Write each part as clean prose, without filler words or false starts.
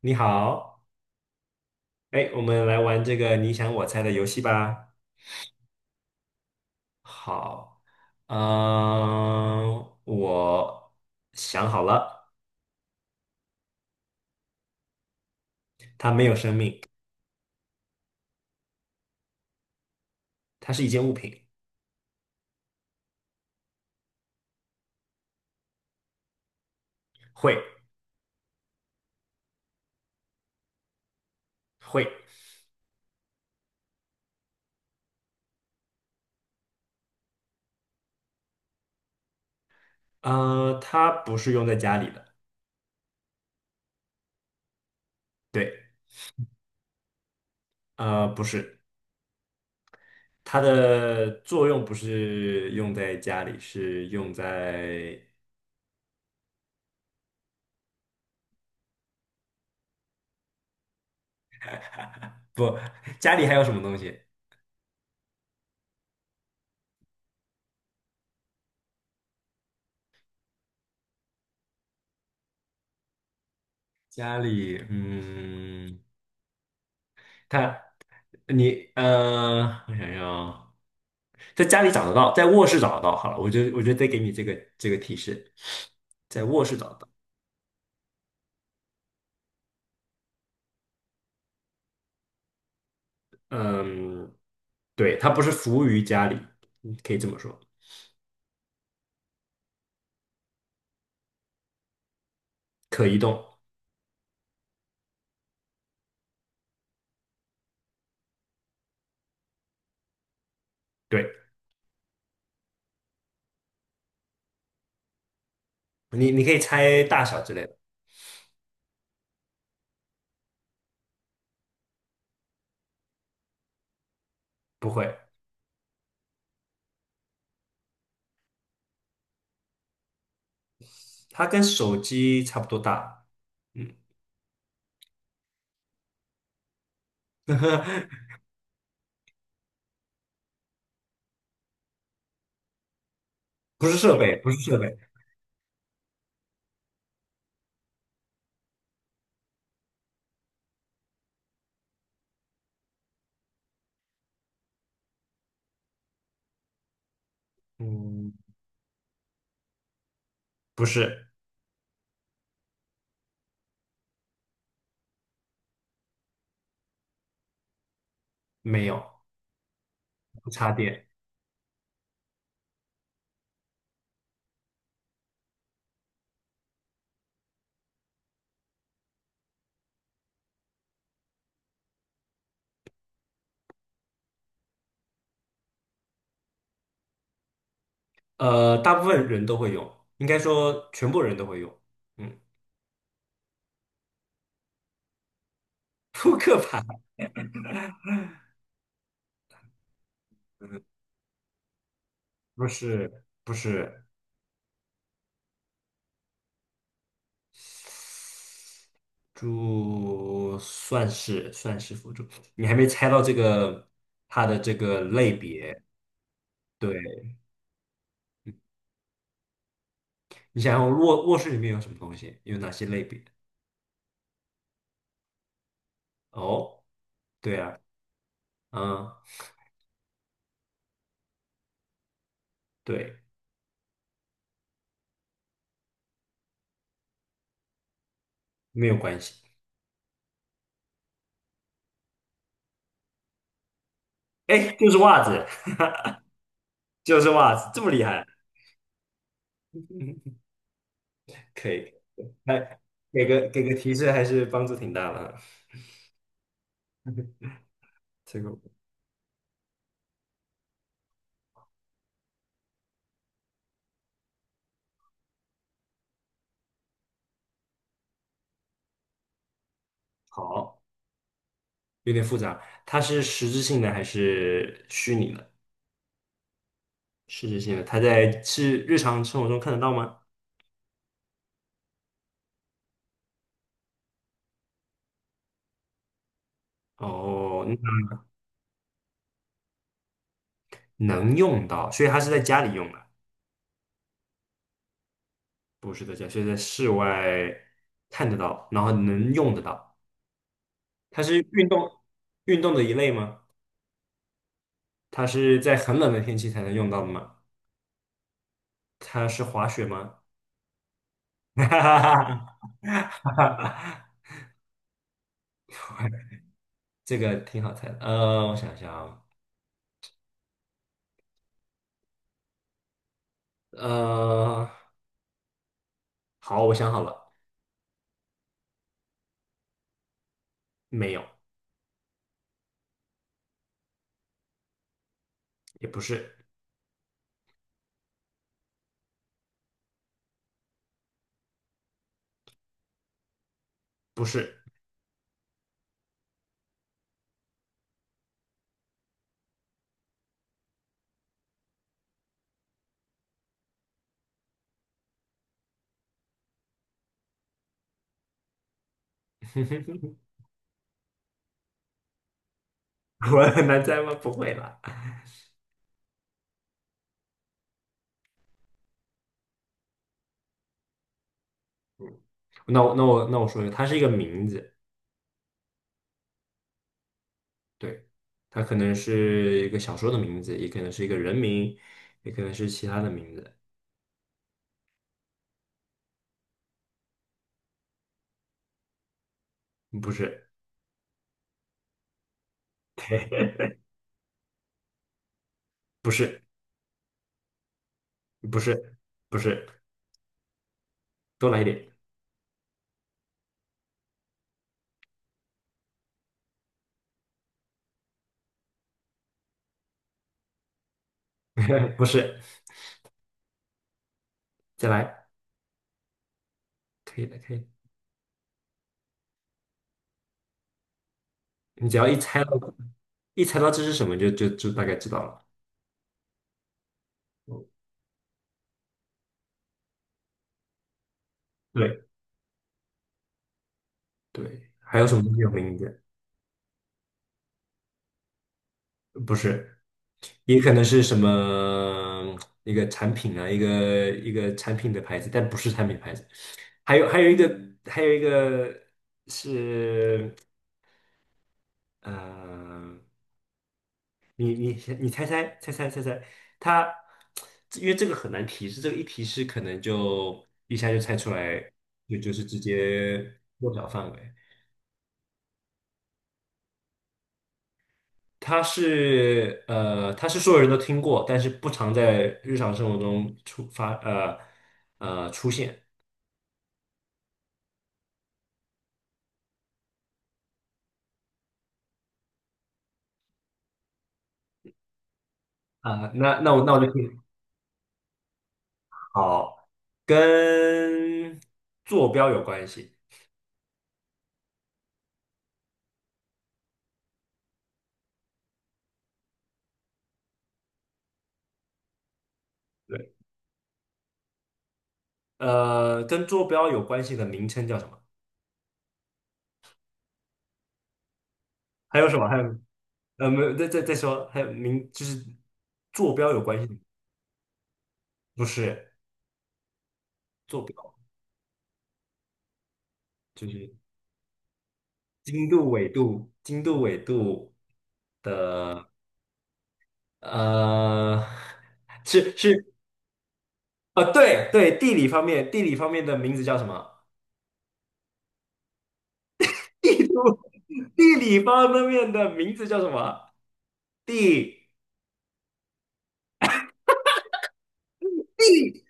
你好，哎，我们来玩这个你想我猜的游戏吧。好，我想好了。它没有生命。它是一件物品。会会，它不是用在家里的。对。呃，不是，它的作用不是用在家里，是用在。不，家里还有什么东西？家里，嗯。它。你我想要在家里找得到，在卧室找得到。好了，我就得给你这个提示，在卧室找得到。嗯，对，它不是服务于家里，嗯可以这么说。可移动。对。你你可以猜大小之类的。不会。它跟手机差不多大。嗯。不是设备，不是设备。嗯。不是。没有。不插电。大部分人都会用，应该说全部人都会用。嗯。扑克牌。不是不是。猪算是算是辅助。你还没猜到这个它的这个类别。对。你想想卧室里面有什么东西，有哪些类别？哦，对啊。嗯，对。没有关系。哎，就是袜子。就是袜子，这么厉害。嗯，可以。哎，给个提示还是帮助挺大的啊。这个好。有点复杂。它是实质性的还是虚拟的？实质性的。它在是日常生活中看得到吗？哦，那能用到，所以它是在家里用的。不是在家，是在室外看得到，然后能用得到。它是运动的一类吗？它是在很冷的天气才能用到的吗？它是滑雪吗？哈哈哈哈哈！这个挺好猜的。我想想啊。呃，好，我想好了。没有。也不是。不是。我很难猜吗？不会啦。那我说一个，它是一个名字。对。它可能是一个小说的名字，也可能是一个人名，也可能是其他的名字。不是。不是。不是。不是，多来一点。不是，再来，可以的，可以。你只要一猜到，一猜到这是什么，就大概知道了。对对。还有什么东西有名字？不是。也可能是什么一个产品啊，一个产品的牌子，但不是产品牌子。还有还有一个是呃，你你你猜，它因为这个很难提示，这个一提示可能就一下就猜出来，就是直接缩小范围。它是它是所有人都听过，但是不常在日常生活中出现。啊、那我就听好。跟坐标有关系。对。呃，跟坐标有关系的名称叫什么？还有什么？还有呃，没有，再说，还有名就是坐标有关系的。不是坐标，就是经度、纬度、经度、纬度。呃，是是啊，对对，地理方面。地理方面的名字叫什么？地图。地理方面的名字叫什么？地。地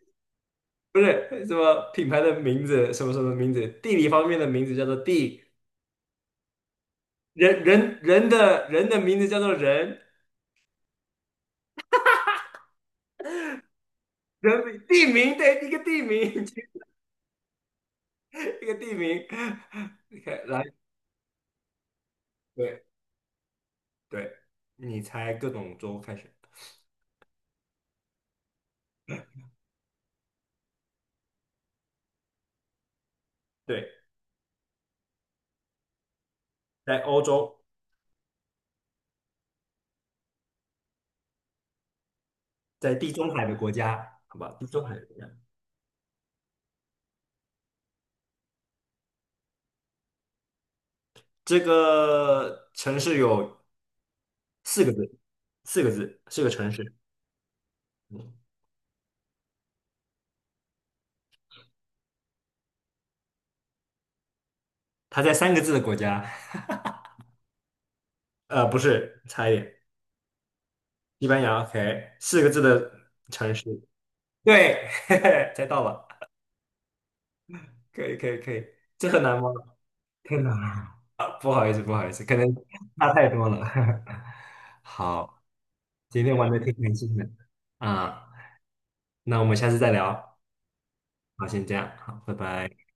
不是什么品牌的名字，什么什么名字？地理方面的名字叫做地，人的名字叫做人。人名地名，对，一个地名。一个地名。OK，来。对对，你猜各种州开始。对，在欧洲，在地中海的国家，好吧，地中海的国家。这个城市有四个字。四个字，四个城市。嗯。它在三个字的国家。呃，不是，差一点。西班牙，OK，四个字的城市。对，嘿嘿，猜到了，可以，可以，可以。这很难吗？太难了。啊不好意思，不好意思，可能差太多了。好，今天玩的挺开心的啊。那我们下次再聊。好，先这样，好，拜拜。